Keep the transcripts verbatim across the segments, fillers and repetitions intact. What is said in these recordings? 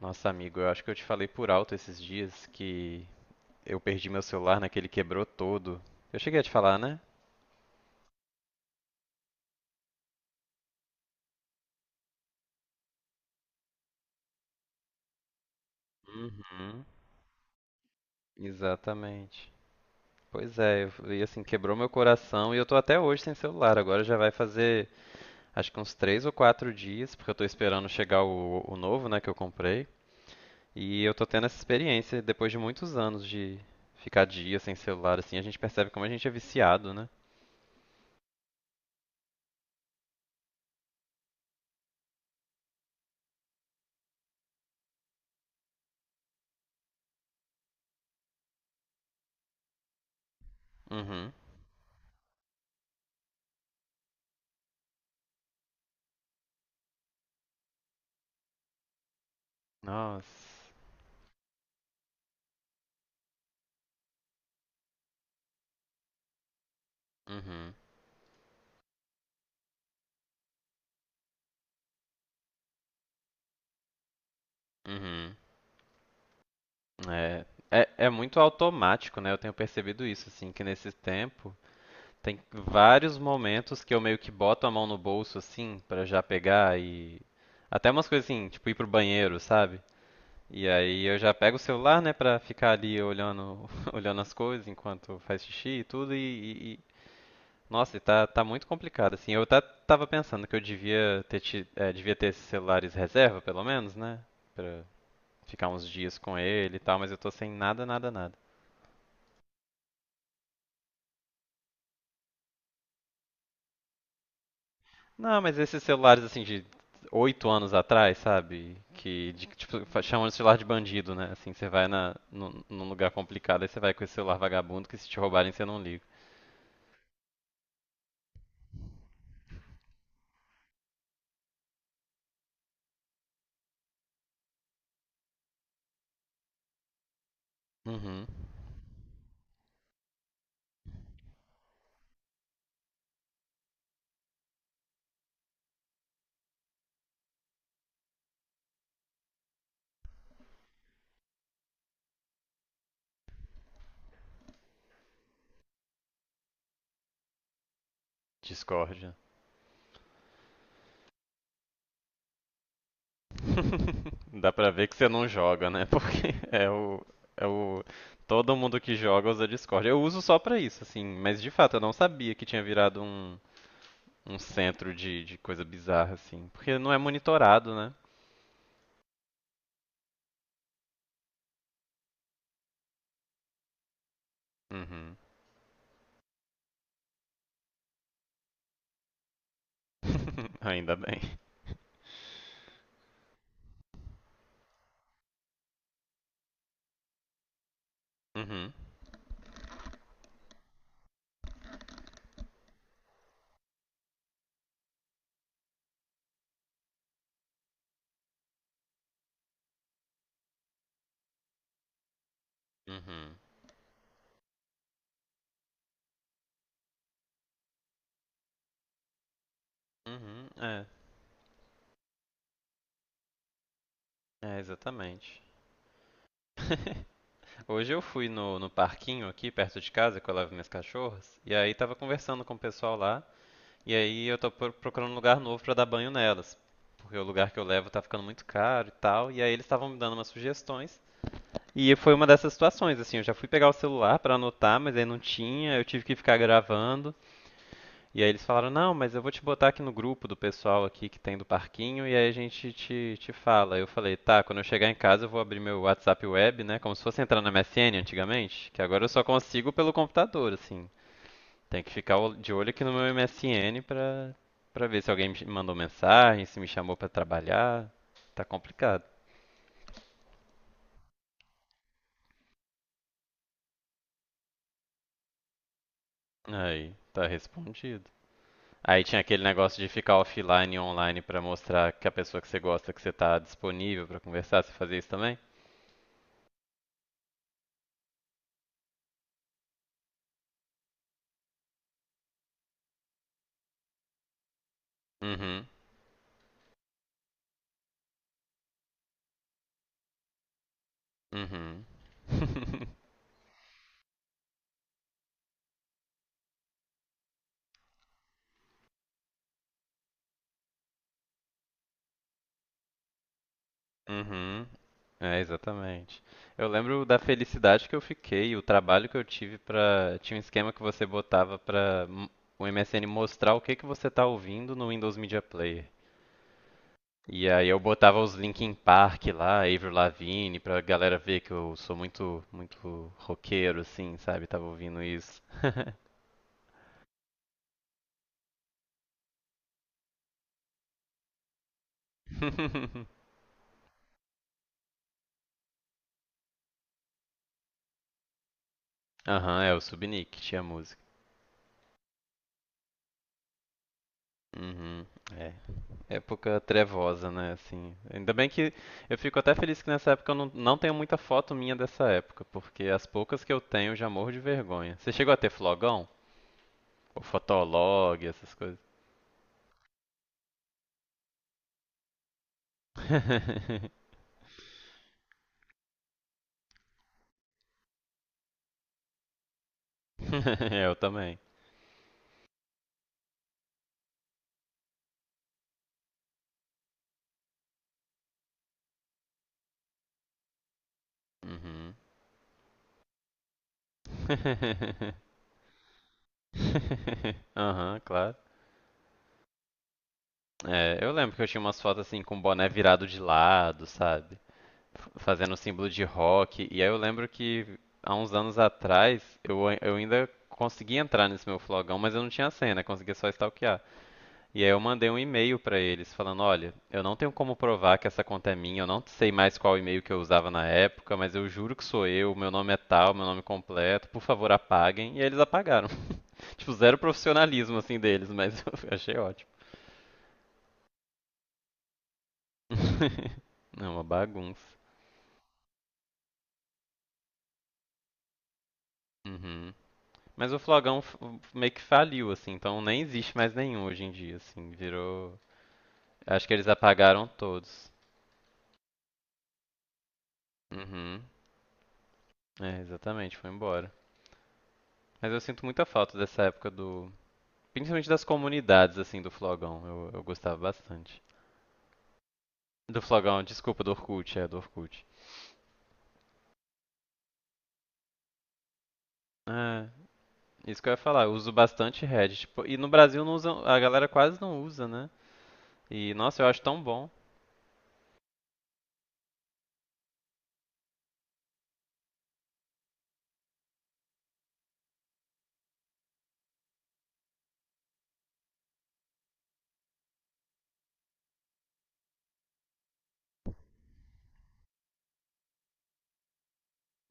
Nossa, amigo, eu acho que eu te falei por alto esses dias que eu perdi meu celular naquele quebrou todo. Eu cheguei a te falar, né? Uhum, exatamente. Pois é, eu- e assim, quebrou meu coração e eu tô até hoje sem celular. Agora já vai fazer acho que uns três ou quatro dias, porque eu tô esperando chegar o, o novo, né, que eu comprei. E eu tô tendo essa experiência depois de muitos anos de ficar dias sem celular, assim, a gente percebe como a gente é viciado, né? Uhum. Nossa. Uhum. Uhum. É, é, é muito automático, né? Eu tenho percebido isso, assim, que nesse tempo tem vários momentos que eu meio que boto a mão no bolso, assim, pra já pegar e. Até umas coisas assim, tipo ir pro banheiro, sabe? E aí eu já pego o celular, né, pra ficar ali olhando, olhando as coisas enquanto faz xixi e tudo e. e- e- Nossa, e tá, tá muito complicado, assim. Eu até tava pensando que eu devia ter, ti- eh, devia ter esses celulares reserva, pelo menos, né? Pra ficar uns dias com ele e tal, mas eu tô sem nada, nada, nada. Não, mas esses celulares assim de oito anos atrás, sabe? Que de, tipo, fa- chamam de celular de bandido, né? Assim, você vai na, num, num lugar complicado, aí você vai com esse celular vagabundo que se te roubarem você não liga. Uhum. Discórdia. Dá pra ver que você não joga, né? Porque é o, é o. Todo mundo que joga usa Discord. Eu uso só pra isso, assim. Mas de fato, eu não sabia que tinha virado um, um centro de, de coisa bizarra, assim. Porque não é monitorado, né? Uhum. Ainda bem. Uhum. Uhum. Uhum. É, é exatamente. Hoje eu fui no, no parquinho aqui perto de casa que eu levo minhas cachorras e aí tava conversando com o pessoal lá e aí eu tô pro- procurando um lugar novo pra dar banho nelas, porque o lugar que eu levo tá ficando muito caro e tal, e aí eles estavam me dando umas sugestões. E foi uma dessas situações assim, eu já fui pegar o celular pra anotar, mas aí não tinha, eu tive que ficar gravando. E aí eles falaram, não, mas eu vou te botar aqui no grupo do pessoal aqui que tem do parquinho e aí a gente te, te fala. Eu falei, tá, quando eu chegar em casa eu vou abrir meu WhatsApp web, né? Como se fosse entrar na M S N antigamente, que agora eu só consigo pelo computador, assim. Tem que ficar ol- de olho aqui no meu M S N pra, pra ver se alguém me mandou mensagem, se me chamou pra trabalhar. Tá complicado. Aí, tá respondido. Aí tinha aquele negócio de ficar offline e online pra mostrar que a pessoa que você gosta que você tá disponível pra conversar, você fazia isso também? Uhum. Uhum. Uhum. É, exatamente. Eu lembro da felicidade que eu fiquei, o trabalho que eu tive pra. Tinha um esquema que você botava pra m- o M S N mostrar o que que você tá ouvindo no Windows Media Player. E aí eu botava os Linkin Park lá, Avril Lavigne, pra galera ver que eu sou muito, muito roqueiro, assim, sabe? Tava ouvindo isso. Aham, é o Subnick, tinha música. Uhum. Época trevosa, né? Assim, ainda bem que eu fico até feliz que nessa época eu não, não tenho muita foto minha dessa época, porque as poucas que eu tenho eu já morro de vergonha. Você chegou a ter flogão? Ou fotolog, essas coisas? Eu também. Uhum. Aham, claro. É, eu lembro que eu tinha umas fotos assim com o boné virado de lado, sabe? F- fazendo o símbolo de rock. E aí eu lembro que há uns anos atrás eu, ai- eu ainda consegui entrar nesse meu flogão, mas eu não tinha senha, conseguia só stalkear. E aí eu mandei um e-mail pra eles falando, olha, eu não tenho como provar que essa conta é minha, eu não sei mais qual e-mail que eu usava na época, mas eu juro que sou eu, meu nome é tal, meu nome completo, por favor apaguem. E aí eles apagaram. Tipo, zero profissionalismo assim deles, mas eu achei ótimo. Não, uma bagunça. Uhum. Mas o Flogão f- meio que faliu, assim, então nem existe mais nenhum hoje em dia, assim, virou. Acho que eles apagaram todos. Uhum. É, exatamente, foi embora. Mas eu sinto muita falta dessa época do. Principalmente das comunidades, assim, do Flogão. Eu, eu gostava bastante. Do Flogão, desculpa, do Orkut, é, do Orkut. É, isso que eu ia falar, eu uso bastante Reddit. Pô, e no Brasil não usa, a galera quase não usa, né? E, nossa, eu acho tão bom.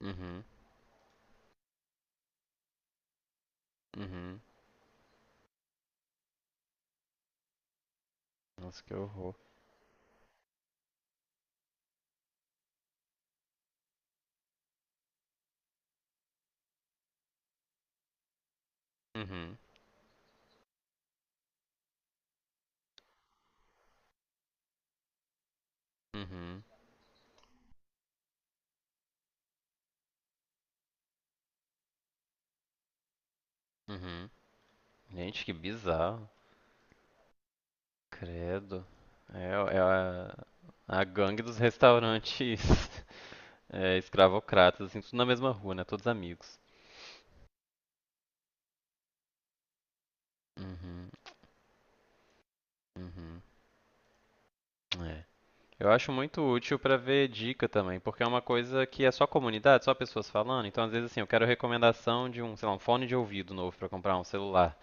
Uhum, uhum. Nossa, que horror. Uhum, uhum, uhum. Gente, que bizarro. Credo. É, é a, a gangue dos restaurantes é, escravocratas, assim, tudo na mesma rua, né? Todos amigos. Uhum, uhum. É. Eu acho muito útil pra ver dica também, porque é uma coisa que é só comunidade, só pessoas falando. Então, às vezes, assim, eu quero recomendação de um, sei lá, um fone de ouvido novo pra comprar um celular.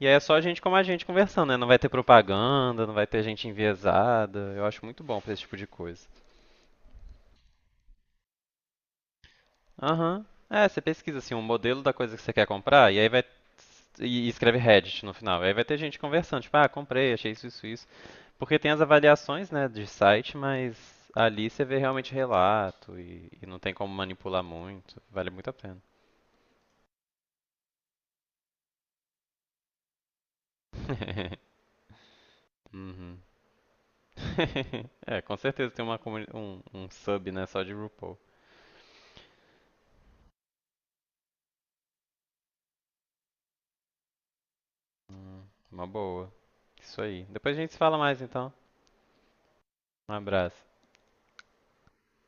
E aí é só gente como a gente conversando, né? Não vai ter propaganda, não vai ter gente enviesada. Eu acho muito bom pra esse tipo de coisa. Aham. É, você pesquisa assim um modelo da coisa que você quer comprar e aí vai e escreve Reddit no final. Aí vai ter gente conversando, tipo, ah, comprei, achei isso, isso, isso. Porque tem as avaliações, né, de site, mas ali você vê realmente relato e, e não tem como manipular muito. Vale muito a pena. Uhum. É, com certeza tem uma comuni- um, um sub, né, só de RuPaul. Hum, uma boa. Isso aí. Depois a gente se fala mais então. Um abraço.